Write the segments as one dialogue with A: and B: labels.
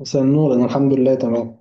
A: مساء النور، انا الحمد لله تمام.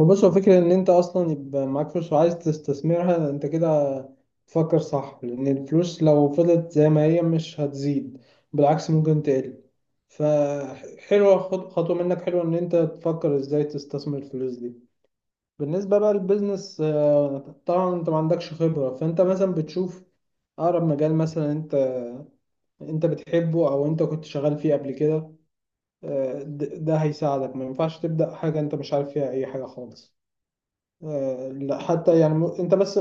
A: هو بص، هو فكرة ان انت اصلا يبقى معاك فلوس وعايز تستثمرها، انت كده تفكر صح، لان الفلوس لو فضلت زي ما هي مش هتزيد، بالعكس ممكن تقل. فحلوة خطوة منك، حلوة ان انت تفكر ازاي تستثمر الفلوس دي. بالنسبة بقى للبيزنس، طبعا انت ما عندكش خبرة، فانت مثلا بتشوف اقرب مجال، مثلا انت انت بتحبه او انت كنت شغال فيه قبل كده، ده هيساعدك. ما ينفعش تبدأ حاجة انت مش عارف فيها اي حاجة خالص. لا، حتى يعني انت بس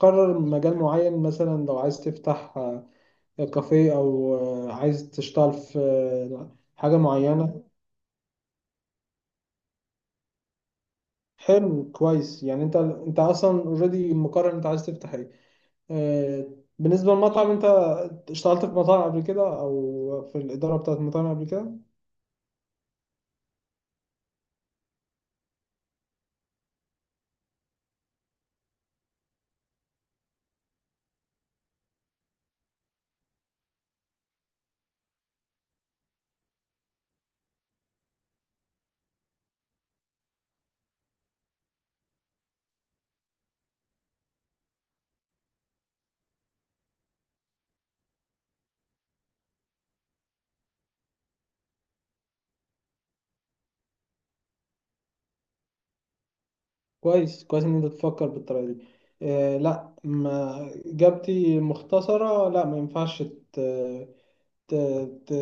A: قرر مجال معين. مثلا لو عايز تفتح كافيه او عايز تشتغل في حاجة معينة. حلو كويس، يعني انت انت اصلا اوريدي مقرر انت عايز تفتح ايه. آه، بالنسبة للمطعم، انت اشتغلت في مطاعم قبل كده او في الإدارة بتاعت مطاعم قبل كده؟ كويس كويس ان انت تفكر بالطريقه دي. لا، ما اجابتي مختصره، لا ما ينفعش ت... ت... ت...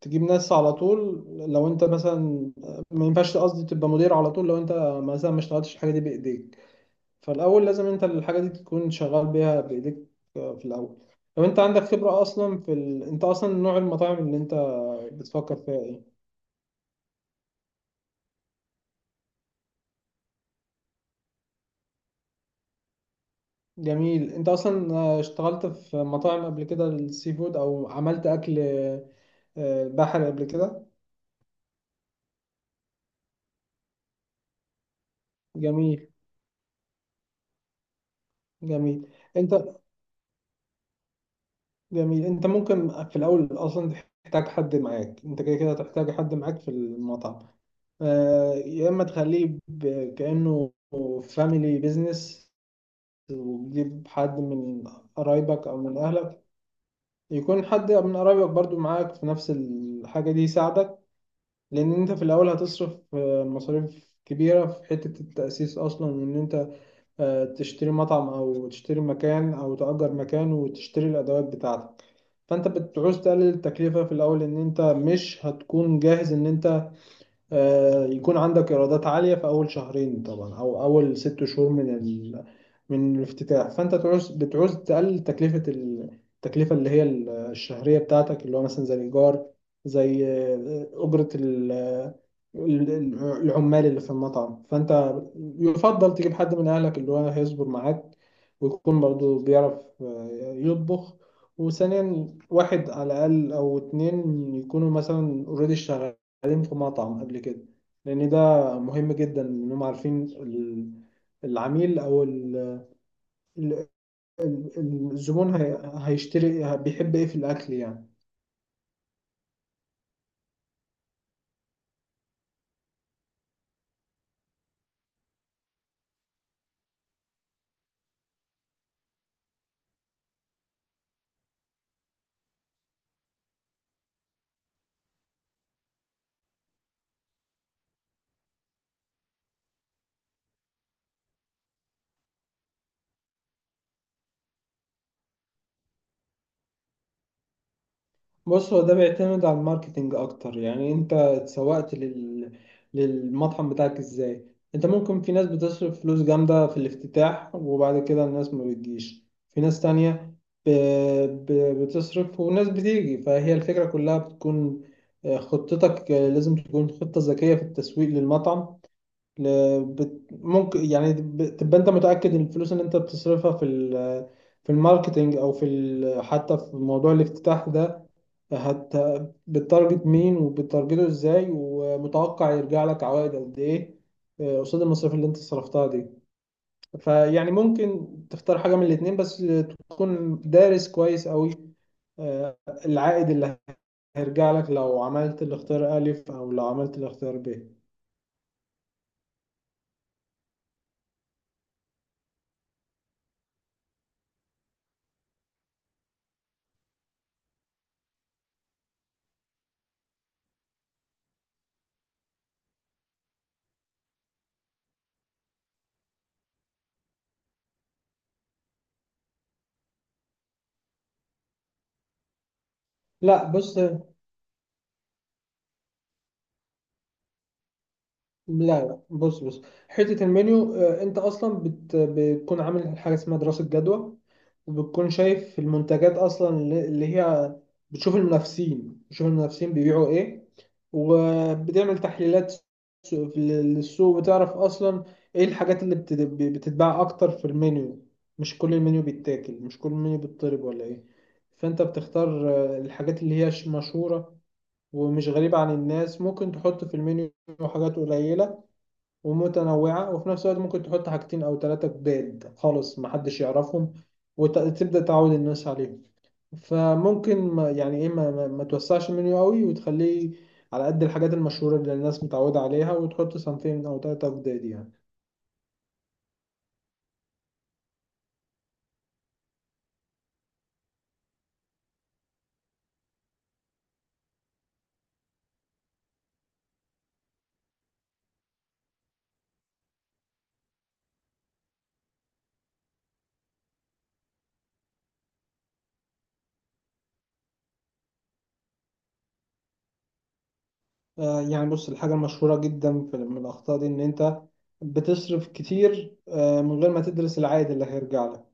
A: تجيب ناس على طول لو انت مثلا، ما ينفعش، قصدي تبقى مدير على طول لو انت مثلا ما اشتغلتش الحاجه دي بايديك. فالاول لازم انت الحاجه دي تكون شغال بيها بايديك في الاول. لو انت عندك خبره اصلا في انت اصلا نوع المطاعم اللي انت بتفكر فيها ايه؟ جميل، انت اصلا اشتغلت في مطاعم قبل كده، السي فود، او عملت اكل البحر قبل كده؟ جميل. جميل. انت جميل، انت ممكن في الاول اصلا تحتاج حد معاك، انت كده كده هتحتاج حد معاك في المطعم. يا اما تخليه كأنه فاميلي بيزنس وتجيب حد من قرايبك او من اهلك، يكون حد من قرايبك برضو معاك في نفس الحاجة دي يساعدك، لان انت في الاول هتصرف مصاريف كبيرة في حتة التأسيس اصلا، وان انت تشتري مطعم او تشتري مكان او تأجر مكان وتشتري الادوات بتاعتك. فانت بتعوز تقلل التكلفة في الاول، ان انت مش هتكون جاهز ان انت يكون عندك ايرادات عاليه في اول شهرين طبعا، او اول ست شهور من من الافتتاح. فانت تعوز بتعوز تقلل تكلفه التكلفه اللي هي الشهريه بتاعتك، اللي هو مثلا زي الايجار، زي اجره العمال اللي في المطعم. فانت يفضل تجيب حد من اهلك اللي هو هيصبر معاك، ويكون برضو بيعرف يطبخ. وثانيا، واحد على الاقل او اتنين يكونوا مثلا اوريدي قدمت في مطعم قبل كده، لأن ده مهم جدا إنهم عارفين العميل أو ال- الزبون هيشتري بيحب إيه في الأكل يعني. بص، هو ده بيعتمد على الماركتينج اكتر. يعني انت اتسوقت للمطعم بتاعك ازاي؟ انت ممكن، في ناس بتصرف فلوس جامدة في الافتتاح وبعد كده الناس ما بتجيش، في ناس تانية ب... ب... بتصرف وناس بتيجي. فهي الفكرة كلها بتكون خطتك لازم تكون خطة ذكية في التسويق للمطعم. ممكن يعني تبقى انت متأكد ان الفلوس اللي انت بتصرفها في في الماركتينج، او في حتى في موضوع الافتتاح ده، هت بتارجت مين وبتارجته ازاي، ومتوقع يرجع لك عوائد قد ايه قصاد المصاريف اللي انت صرفتها دي. فيعني ممكن تختار حاجة من الاتنين، بس تكون دارس كويس قوي آه، العائد اللي هيرجع لك لو عملت الاختيار ألف أو لو عملت الاختيار ب. لا بص، لا بص حتة المنيو، انت اصلا بتكون عامل حاجة اسمها دراسة جدوى، وبتكون شايف المنتجات اصلا اللي هي بتشوف المنافسين، بيبيعوا ايه، وبتعمل تحليلات للسوق، وتعرف اصلا ايه الحاجات اللي بتتباع اكتر في المنيو. مش كل المنيو بيتاكل، مش كل المنيو بيتطلب ولا ايه. فانت بتختار الحاجات اللي هي مشهورة ومش غريبة عن الناس، ممكن تحط في المنيو حاجات قليلة ومتنوعة، وفي نفس الوقت ممكن تحط حاجتين أو تلاتة جداد خالص محدش يعرفهم وتبدأ تعود الناس عليهم. فممكن ما يعني إيه ما توسعش المنيو قوي، وتخليه على قد الحاجات المشهورة اللي الناس متعودة عليها، وتحط صنفين أو تلاتة جداد يعني. آه يعني بص، الحاجة المشهورة جدا في من الأخطاء دي إن أنت بتصرف كتير من غير ما تدرس العائد اللي هيرجع لك.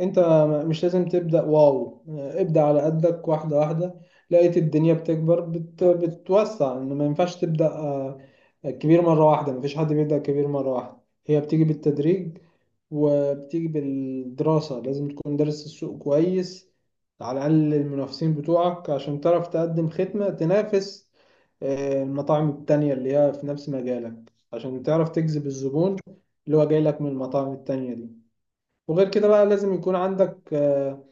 A: انت مش لازم تبدأ واو، ابدأ على قدك واحدة واحدة. لقيت الدنيا بتكبر بتوسع. انه ما ينفعش تبدأ كبير مرة واحدة، مفيش حد بيبدأ كبير مرة واحدة، هي بتيجي بالتدريج وبتيجي بالدراسة. لازم تكون دارس السوق كويس، على الأقل المنافسين بتوعك، عشان تعرف تقدم خدمة تنافس المطاعم التانية اللي هي في نفس مجالك، عشان تعرف تجذب الزبون اللي هو جاي لك من المطاعم التانية دي. وغير كده بقى، لازم يكون عندك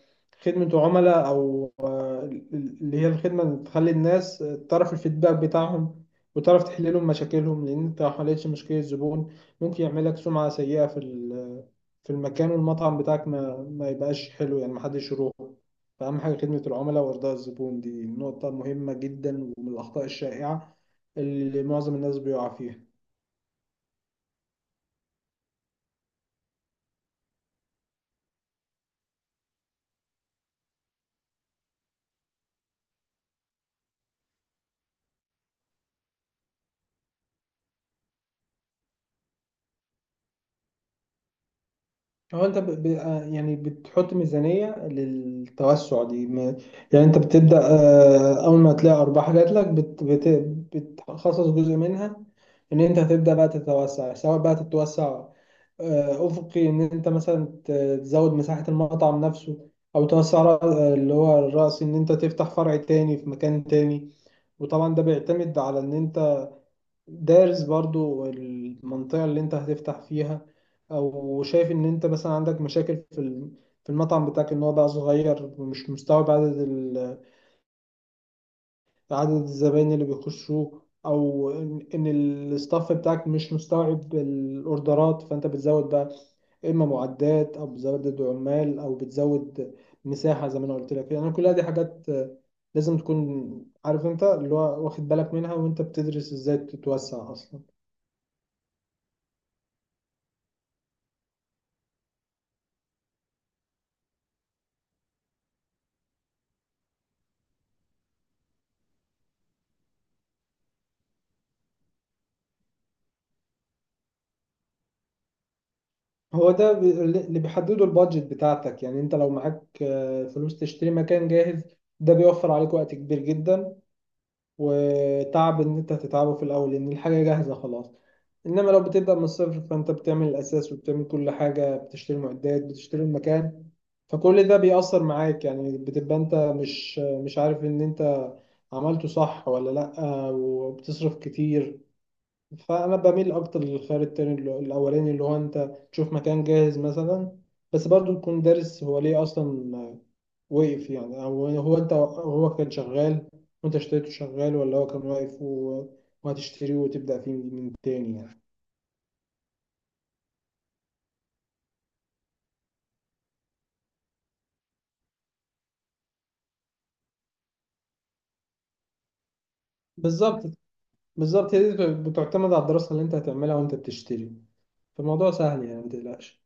A: خدمة عملاء، أو آه، اللي هي الخدمة اللي تخلي الناس تعرف الفيدباك بتاعهم، وتعرف تحل لهم مشاكلهم. لأن أنت لو حلتش مشكلة الزبون، ممكن يعمل لك سمعة سيئة في في المكان والمطعم بتاعك، ما يبقاش حلو يعني، محدش يروح. فأهم حاجة خدمة العملاء وإرضاء الزبون، دي نقطة مهمة جدا ومن الأخطاء الشائعة اللي معظم الناس بيقع فيها. هو انت ب... ب... آه، يعني بتحط ميزانية للتوسع دي يعني انت بتبدأ اول ما تلاقي ارباح جات لك بتخصص جزء منها ان انت هتبدأ بقى تتوسع، سواء بقى تتوسع افقي ان انت مثلا تزود مساحة المطعم نفسه، او توسع اللي هو الرأس، ان انت تفتح فرع تاني في مكان تاني. وطبعا ده بيعتمد على ان انت دارس برضو المنطقة اللي انت هتفتح فيها، او شايف ان انت مثلا عندك مشاكل في في المطعم بتاعك، ان هو بقى صغير ومش مستوعب عدد عدد الزباين اللي بيخشوه، او ان إن الستاف بتاعك مش مستوعب الاوردرات. فانت بتزود بقى، اما معدات او بتزود عمال او بتزود مساحة، زي ما انا قلت لك يعني. كلها دي حاجات لازم تكون عارف انت اللي هو واخد بالك منها، وانت بتدرس ازاي تتوسع اصلا. هو ده اللي بيحدده البادجت بتاعتك. يعني انت لو معاك فلوس تشتري مكان جاهز، ده بيوفر عليك وقت كبير جدا وتعب ان انت هتتعبه في الاول، لان الحاجة جاهزة خلاص. انما لو بتبدأ من الصفر، فانت بتعمل الاساس وبتعمل كل حاجة، بتشتري معدات بتشتري المكان. فكل ده بيأثر معاك، يعني بتبقى انت مش عارف ان انت عملته صح ولا لأ، وبتصرف كتير. فانا بميل اكتر للخيار الاولاني، اللي هو انت تشوف مكان جاهز مثلا، بس برضو تكون دارس هو ليه اصلا وقف يعني، او هو انت هو كان شغال وانت اشتريته شغال، ولا هو كان واقف وهتشتريه وتبدا فيه من تاني يعني. بالظبط. بالظبط، هي دي بتعتمد على الدراسه اللي انت هتعملها وانت بتشتري. فالموضوع سهل يعني، ما تقلقش.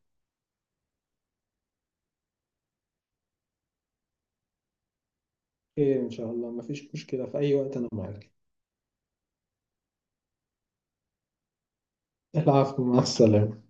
A: خير ان شاء الله، مفيش مشكله، في اي وقت انا معاك. العفو، مع السلامه.